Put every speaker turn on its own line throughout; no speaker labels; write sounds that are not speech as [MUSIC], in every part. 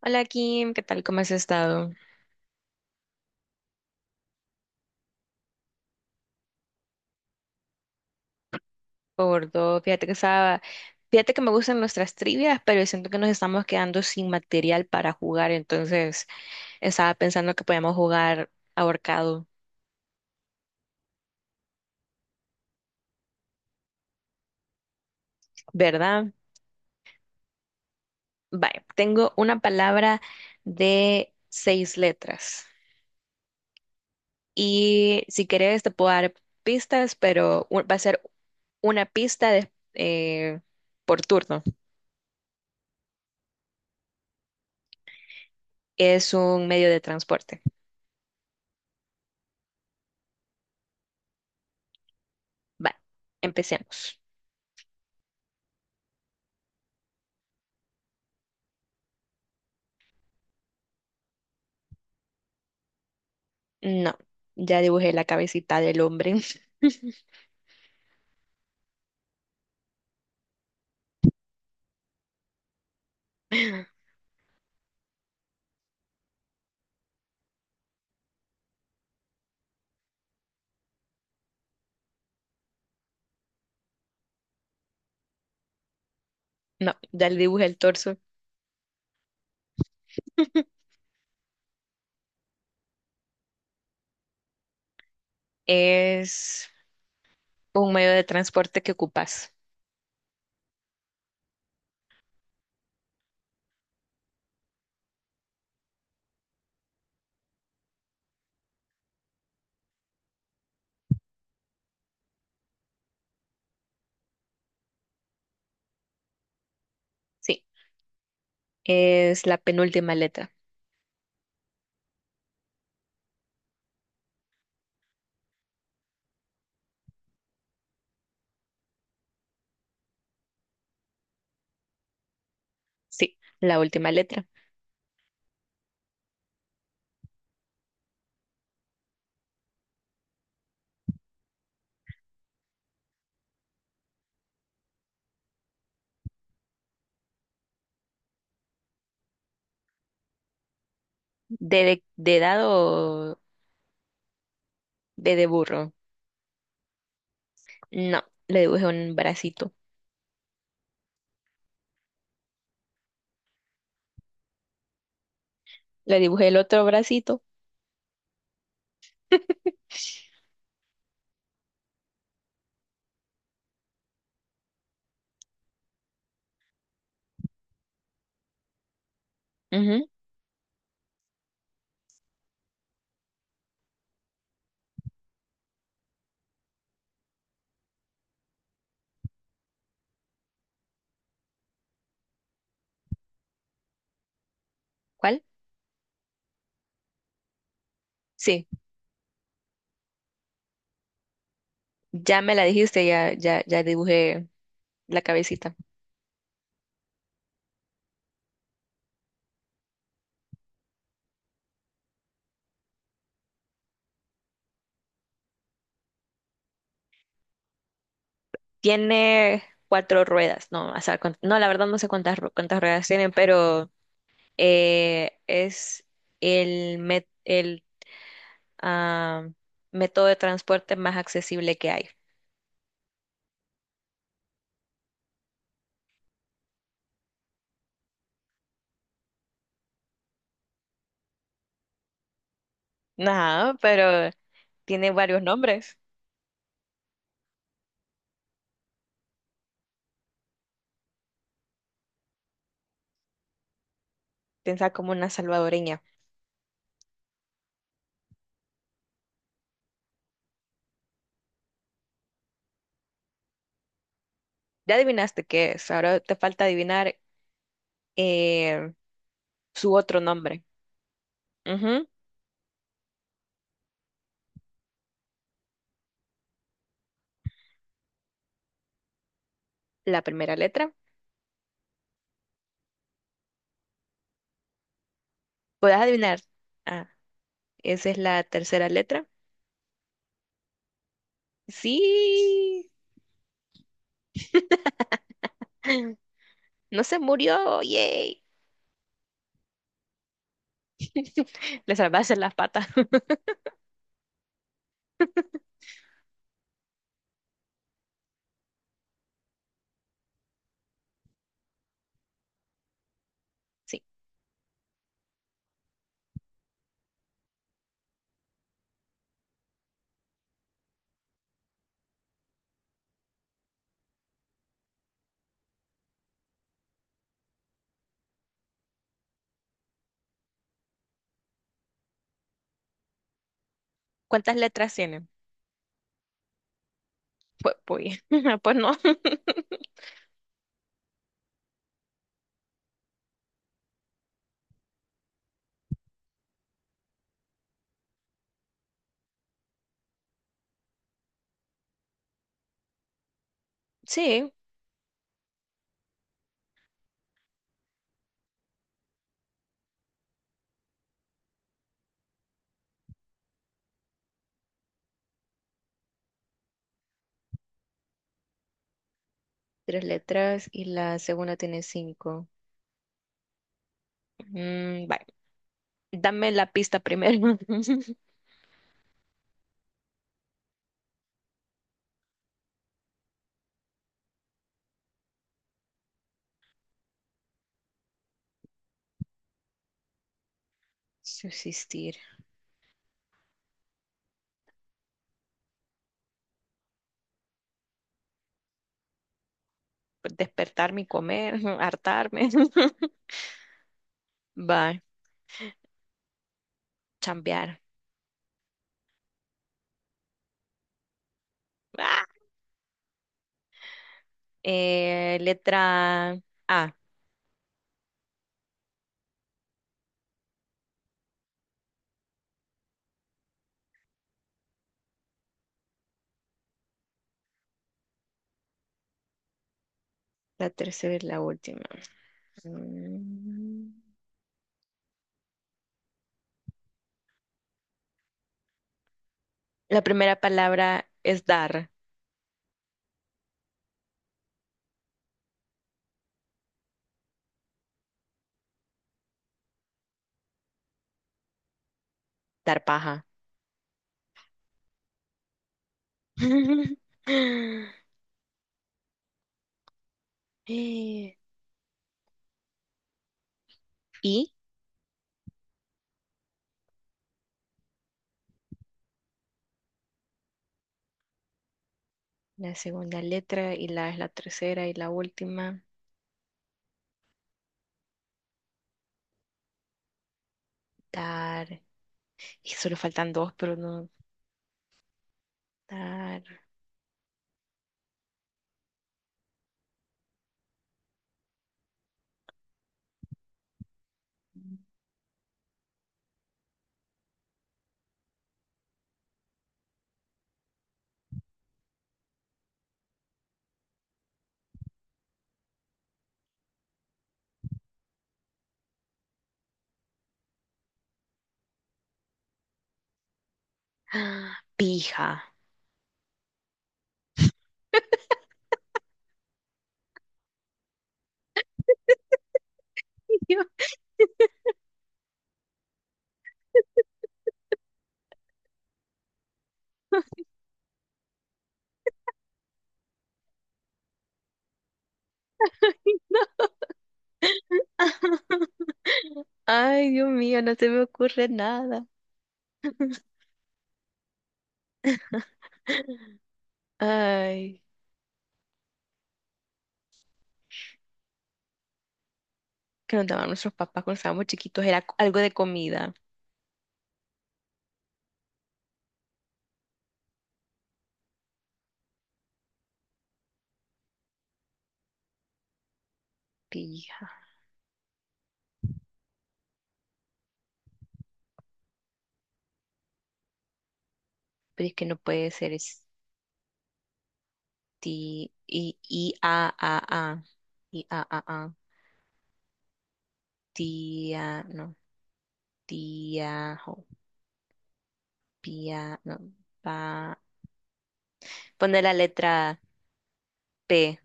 Hola Kim, ¿qué tal? ¿Cómo has estado? Por todo, fíjate que me gustan nuestras trivias, pero siento que nos estamos quedando sin material para jugar, entonces estaba pensando que podíamos jugar ahorcado, ¿verdad? Vale, tengo una palabra de seis letras y si quieres te puedo dar pistas, pero va a ser una pista por turno. Es un medio de transporte. Vale, empecemos. No, ya dibujé la cabecita del hombre. [LAUGHS] No, ya le dibujé el torso. [LAUGHS] Es un medio de transporte que ocupas. Sí, es la penúltima letra. Sí, la última letra. ¿De, de dado de burro? No, le dibujé un bracito. Le dibujé el otro bracito. Ujú. ¿Cuál? Sí, ya me la dijiste, ya dibujé la cabecita. Tiene cuatro ruedas. No, o sea, no, la verdad no sé cuántas, cuántas ruedas tienen, pero es el ah, método de transporte más accesible que hay. Ajá, pero tiene varios nombres. Piensa como una salvadoreña. Ya adivinaste qué es. Ahora te falta adivinar eh, su otro nombre. Ujú. La primera letra. ¿Puedes adivinar? Ah, esa es la tercera letra. Sí. [CLEARS THROAT] [LAUGHS] No se murió. Yay. [LAUGHS] Le salvaste las patas. Sí. ¿Cuántas letras tiene? Pues, [LAUGHS] pues no. [LAUGHS] Sí, tres letras y la segunda tiene cinco. Mm, vale. Dame la pista primero. [LAUGHS] Subsistir. Despertarme y comer, [LAUGHS] hartarme. [LAUGHS] Va, chambear. Ah, letra A. La tercera es la última. Mm, La primera palabra es dar, paja. [LAUGHS] ¿Y? La segunda letra y la es la tercera y la última. Tar. Y solo faltan dos, pero no. Tar. Ah, pija. [LAUGHS] Yo, ay, no. [LAUGHS] Ay, Dios mío, no se me ocurre nada. Ay, que nos daban nuestros papás cuando estábamos chiquitos era algo de comida. Pija. Pero es que no puede ser es ti- i i a a. Y a, a, tía, no, tiajo, pia, no, pa. Pone la letra P.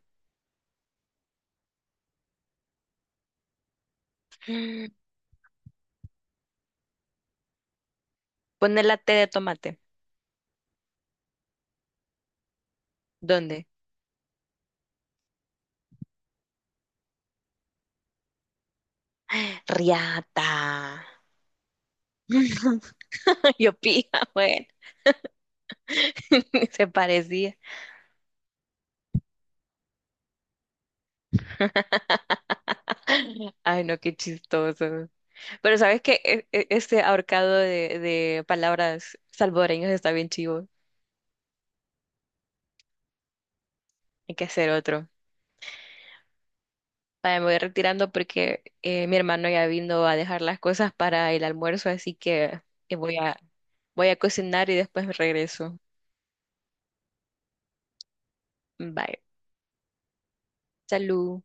Pone la T de tomate. ¿Dónde? Riata. [LAUGHS] Yo pija, bueno. [LAUGHS] Se parecía. Ay, no, qué chistoso. Pero sabes que este ahorcado de palabras salvadoreñas está bien chivo. Hay que hacer otro. Vaya, me voy retirando porque mi hermano ya vino a dejar las cosas para el almuerzo, así que eh, voy a, voy a cocinar y después me regreso. Bye. Salud.